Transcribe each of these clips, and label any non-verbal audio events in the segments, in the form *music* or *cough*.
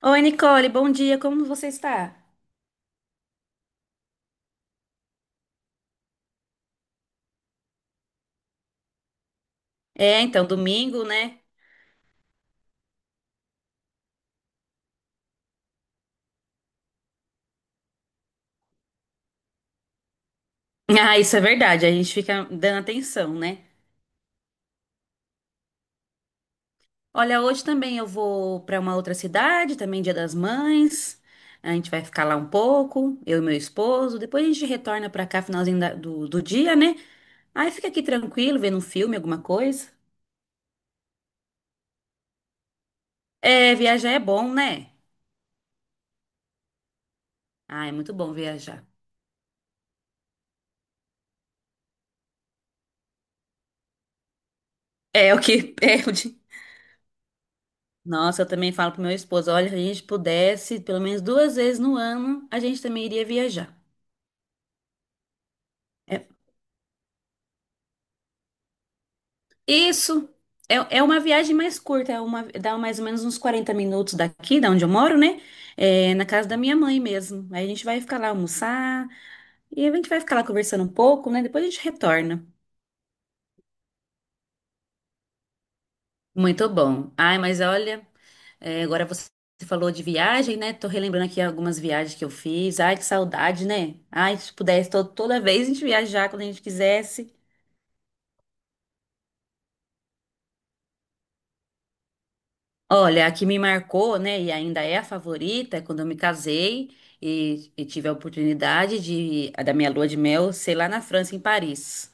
Oi, Nicole, bom dia, como você está? É, então, domingo, né? *laughs* Ah, isso é verdade, a gente fica dando atenção, né? Olha, hoje também eu vou para uma outra cidade, também Dia das Mães. A gente vai ficar lá um pouco, eu e meu esposo. Depois a gente retorna para cá, finalzinho do dia, né? Aí fica aqui tranquilo, vendo um filme, alguma coisa. É, viajar é bom, né? Ah, é muito bom viajar. É o que *laughs* perde. Nossa, eu também falo pro meu esposo, olha, se a gente pudesse, pelo menos duas vezes no ano, a gente também iria viajar. É- isso é. É uma viagem mais curta, dá mais ou menos uns 40 minutos daqui, da onde eu moro, né? É, na casa da minha mãe mesmo. Aí a gente vai ficar lá almoçar e a gente vai ficar lá conversando um pouco, né? Depois a gente retorna. Muito bom. Ai, mas olha, agora você falou de viagem, né? Tô relembrando aqui algumas viagens que eu fiz. Ai, que saudade, né? Ai, se pudesse toda vez a gente viajar quando a gente quisesse. Olha, a que me marcou, né, e ainda é a favorita, é quando eu me casei e tive a oportunidade da minha lua de mel ser lá na França, em Paris.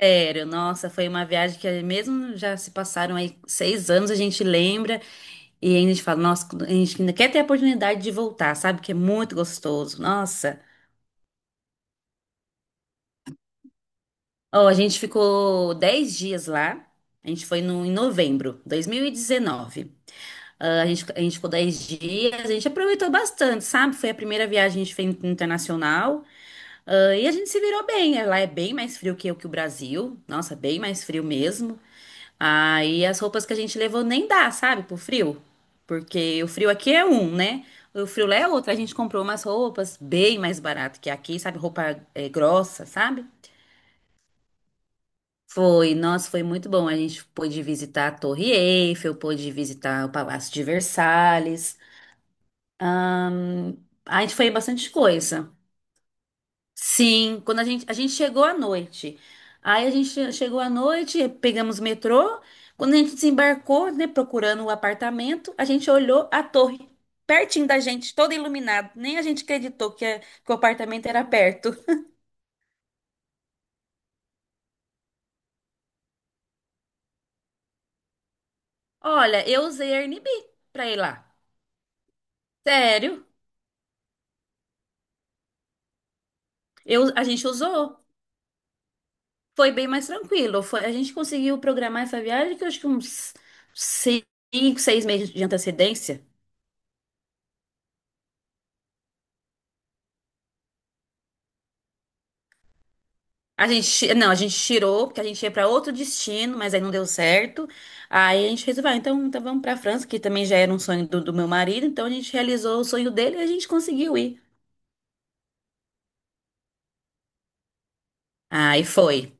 Sério, nossa, foi uma viagem que mesmo já se passaram aí 6 anos, a gente lembra e ainda a gente fala, nossa, a gente ainda quer ter a oportunidade de voltar, sabe? Que é muito gostoso, nossa. Ó, a gente ficou 10 dias lá, a gente foi no, em novembro, 2019. Ah, a gente ficou 10 dias, a gente aproveitou bastante, sabe? Foi a primeira viagem que a gente fez internacional, e a gente se virou bem. Lá é bem mais frio que o Brasil, nossa, bem mais frio mesmo. Aí as roupas que a gente levou nem dá, sabe, pro frio, porque o frio aqui é um, né? O frio lá é outro. A gente comprou umas roupas bem mais barato que aqui, sabe? Roupa grossa, sabe? Foi, nossa, foi muito bom. A gente pôde visitar a Torre Eiffel, pôde visitar o Palácio de Versalhes. Ahn, a gente foi em bastante coisa. Sim, quando a gente chegou à noite. Aí a gente chegou à noite, pegamos o metrô. Quando a gente desembarcou, né, procurando o apartamento, a gente olhou a torre pertinho da gente, toda iluminada. Nem a gente acreditou que o apartamento era perto. Olha, eu usei Airbnb pra ir lá. Sério? A gente usou. Foi bem mais tranquilo. Foi, a gente conseguiu programar essa viagem que eu acho que uns 5, 6 meses de antecedência. A gente, não, a gente tirou, porque a gente ia para outro destino, mas aí não deu certo. Aí a gente resolveu, ah, então vamos para França, que também já era um sonho do meu marido, então a gente realizou o sonho dele e a gente conseguiu ir. Aí foi.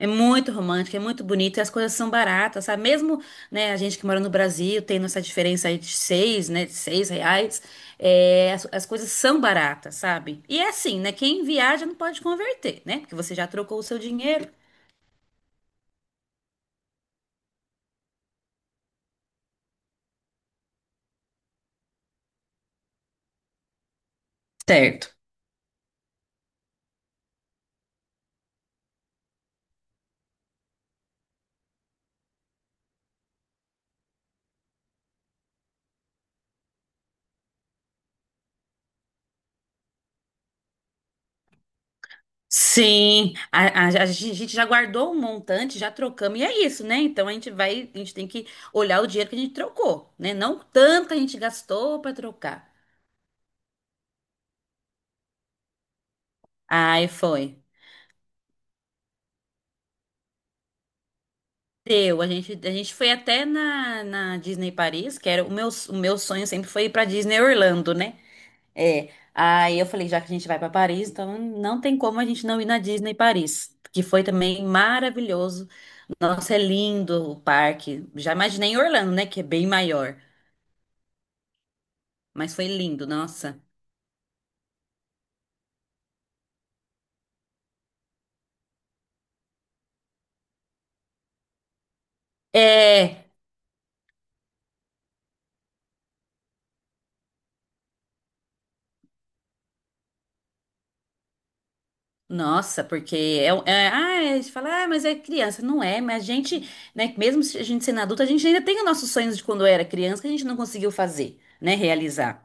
É muito romântico, é muito bonito, e as coisas são baratas, sabe? Mesmo, né, a gente que mora no Brasil, tendo essa diferença aí de seis, né, de R$ 6, as coisas são baratas, sabe? E é assim, né, quem viaja não pode converter, né? Porque você já trocou o seu dinheiro. Certo. Sim, a gente já guardou um montante, já trocamos, e é isso, né? Então a gente tem que olhar o dinheiro que a gente trocou, né? Não o tanto que a gente gastou para trocar. Aí foi. Deu, a gente foi até na Disney Paris, que era o meu sonho sempre foi ir para Disney Orlando, né? É. Aí eu falei, já que a gente vai para Paris, então não tem como a gente não ir na Disney Paris, que foi também maravilhoso. Nossa, é lindo o parque. Já imaginei em Orlando, né? Que é bem maior. Mas foi lindo, nossa. É, nossa, porque a gente fala, ah, mas é criança. Não é, mas a gente, né, mesmo se a gente sendo adulta, a gente ainda tem os nossos sonhos de quando era criança que a gente não conseguiu fazer, né, realizar.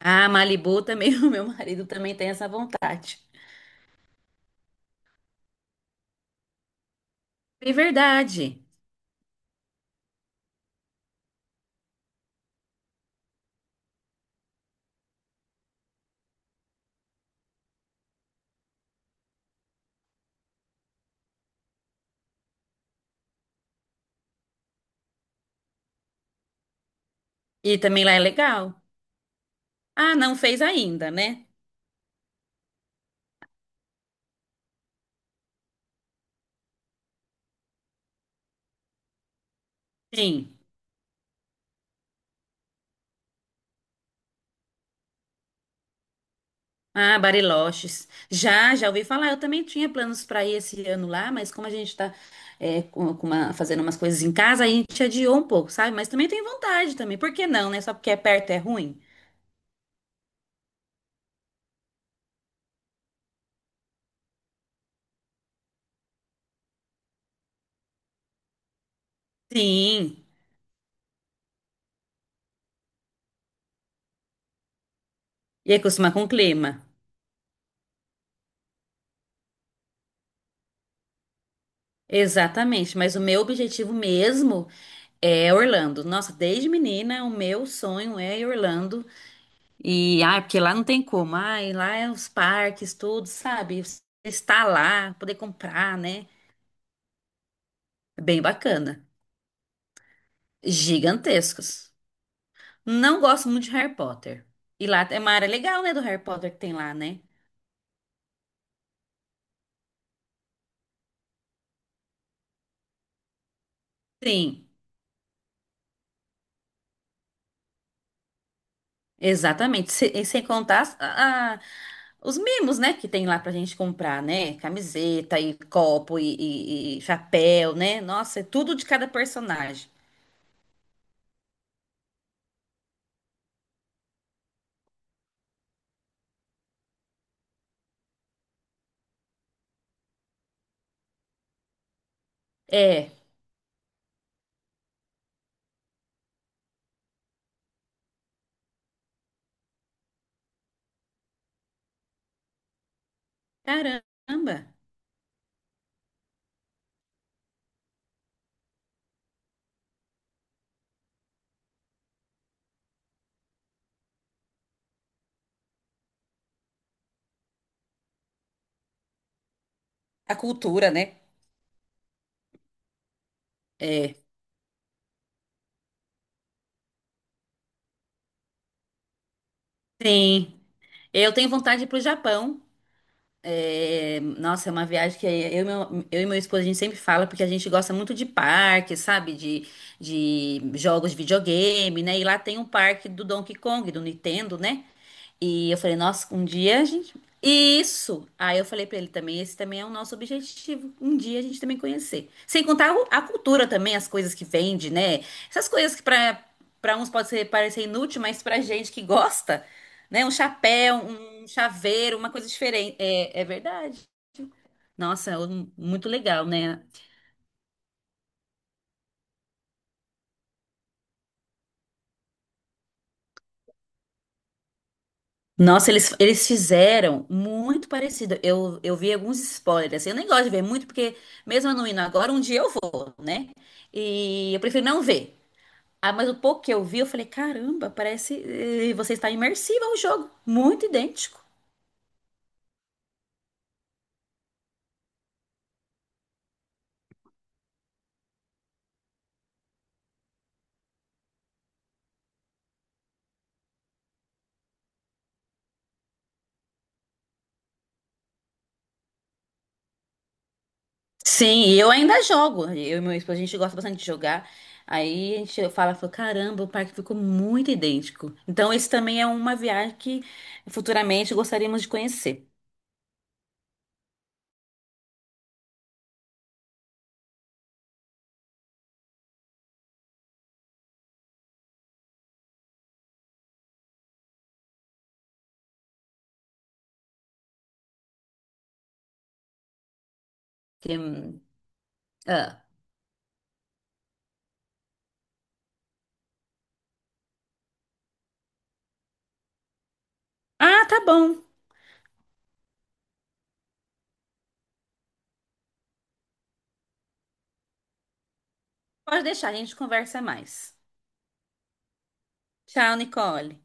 Ah, Malibu também, *laughs* o meu marido também tem essa vontade. É verdade. E também lá é legal. Ah, não fez ainda, né? Sim. Ah, Bariloches. Já ouvi falar. Eu também tinha planos para ir esse ano lá, mas como a gente está fazendo umas coisas em casa, a gente adiou um pouco, sabe? Mas também tem vontade também. Por que não, né? Só porque é perto é ruim? Sim. E acostumar com o clima. Exatamente. Mas o meu objetivo mesmo é Orlando. Nossa, desde menina, o meu sonho é ir Orlando. Porque lá não tem como. Ah, e lá é os parques, tudo, sabe? Estar lá, poder comprar, né? É bem bacana. Gigantescos. Não gosto muito de Harry Potter. E lá é uma área legal, né, do Harry Potter que tem lá, né? Sim, exatamente. E sem contar os mimos, né, que tem lá pra gente comprar, né? Camiseta e copo e chapéu, né? Nossa, é tudo de cada personagem. É, caramba. A cultura, né? É, sim. Eu tenho vontade de ir pro Japão. É, nossa, é uma viagem que eu e meu esposo a gente sempre fala, porque a gente gosta muito de parque, sabe? De jogos de videogame, né? E lá tem um parque do Donkey Kong, do Nintendo, né? E eu falei, nossa, um dia a gente. Isso! Aí eu falei pra ele também, esse também é o nosso objetivo. Um dia a gente também conhecer. Sem contar a cultura também, as coisas que vende, né? Essas coisas que pra uns pode ser, parecer inútil, mas pra gente que gosta, né? Um chapéu, um chaveiro, uma coisa diferente. É verdade. Nossa, é muito legal, né? Nossa, eles fizeram muito parecido. Eu vi alguns spoilers, assim, eu nem gosto de ver muito, porque mesmo eu não indo agora, um dia eu vou, né? E eu prefiro não ver. Ah, mas o pouco que eu vi, eu falei, caramba, parece. Você está imersiva ao jogo. Muito idêntico. Sim, e eu ainda jogo. Eu e meu esposo, a gente gosta bastante de jogar. Aí a gente fala, caramba, o parque ficou muito idêntico. Então, esse também é uma viagem que futuramente gostaríamos de conhecer. Que, hum, ah, Ah, tá bom. Pode deixar, a gente conversa mais. Tchau, Nicole.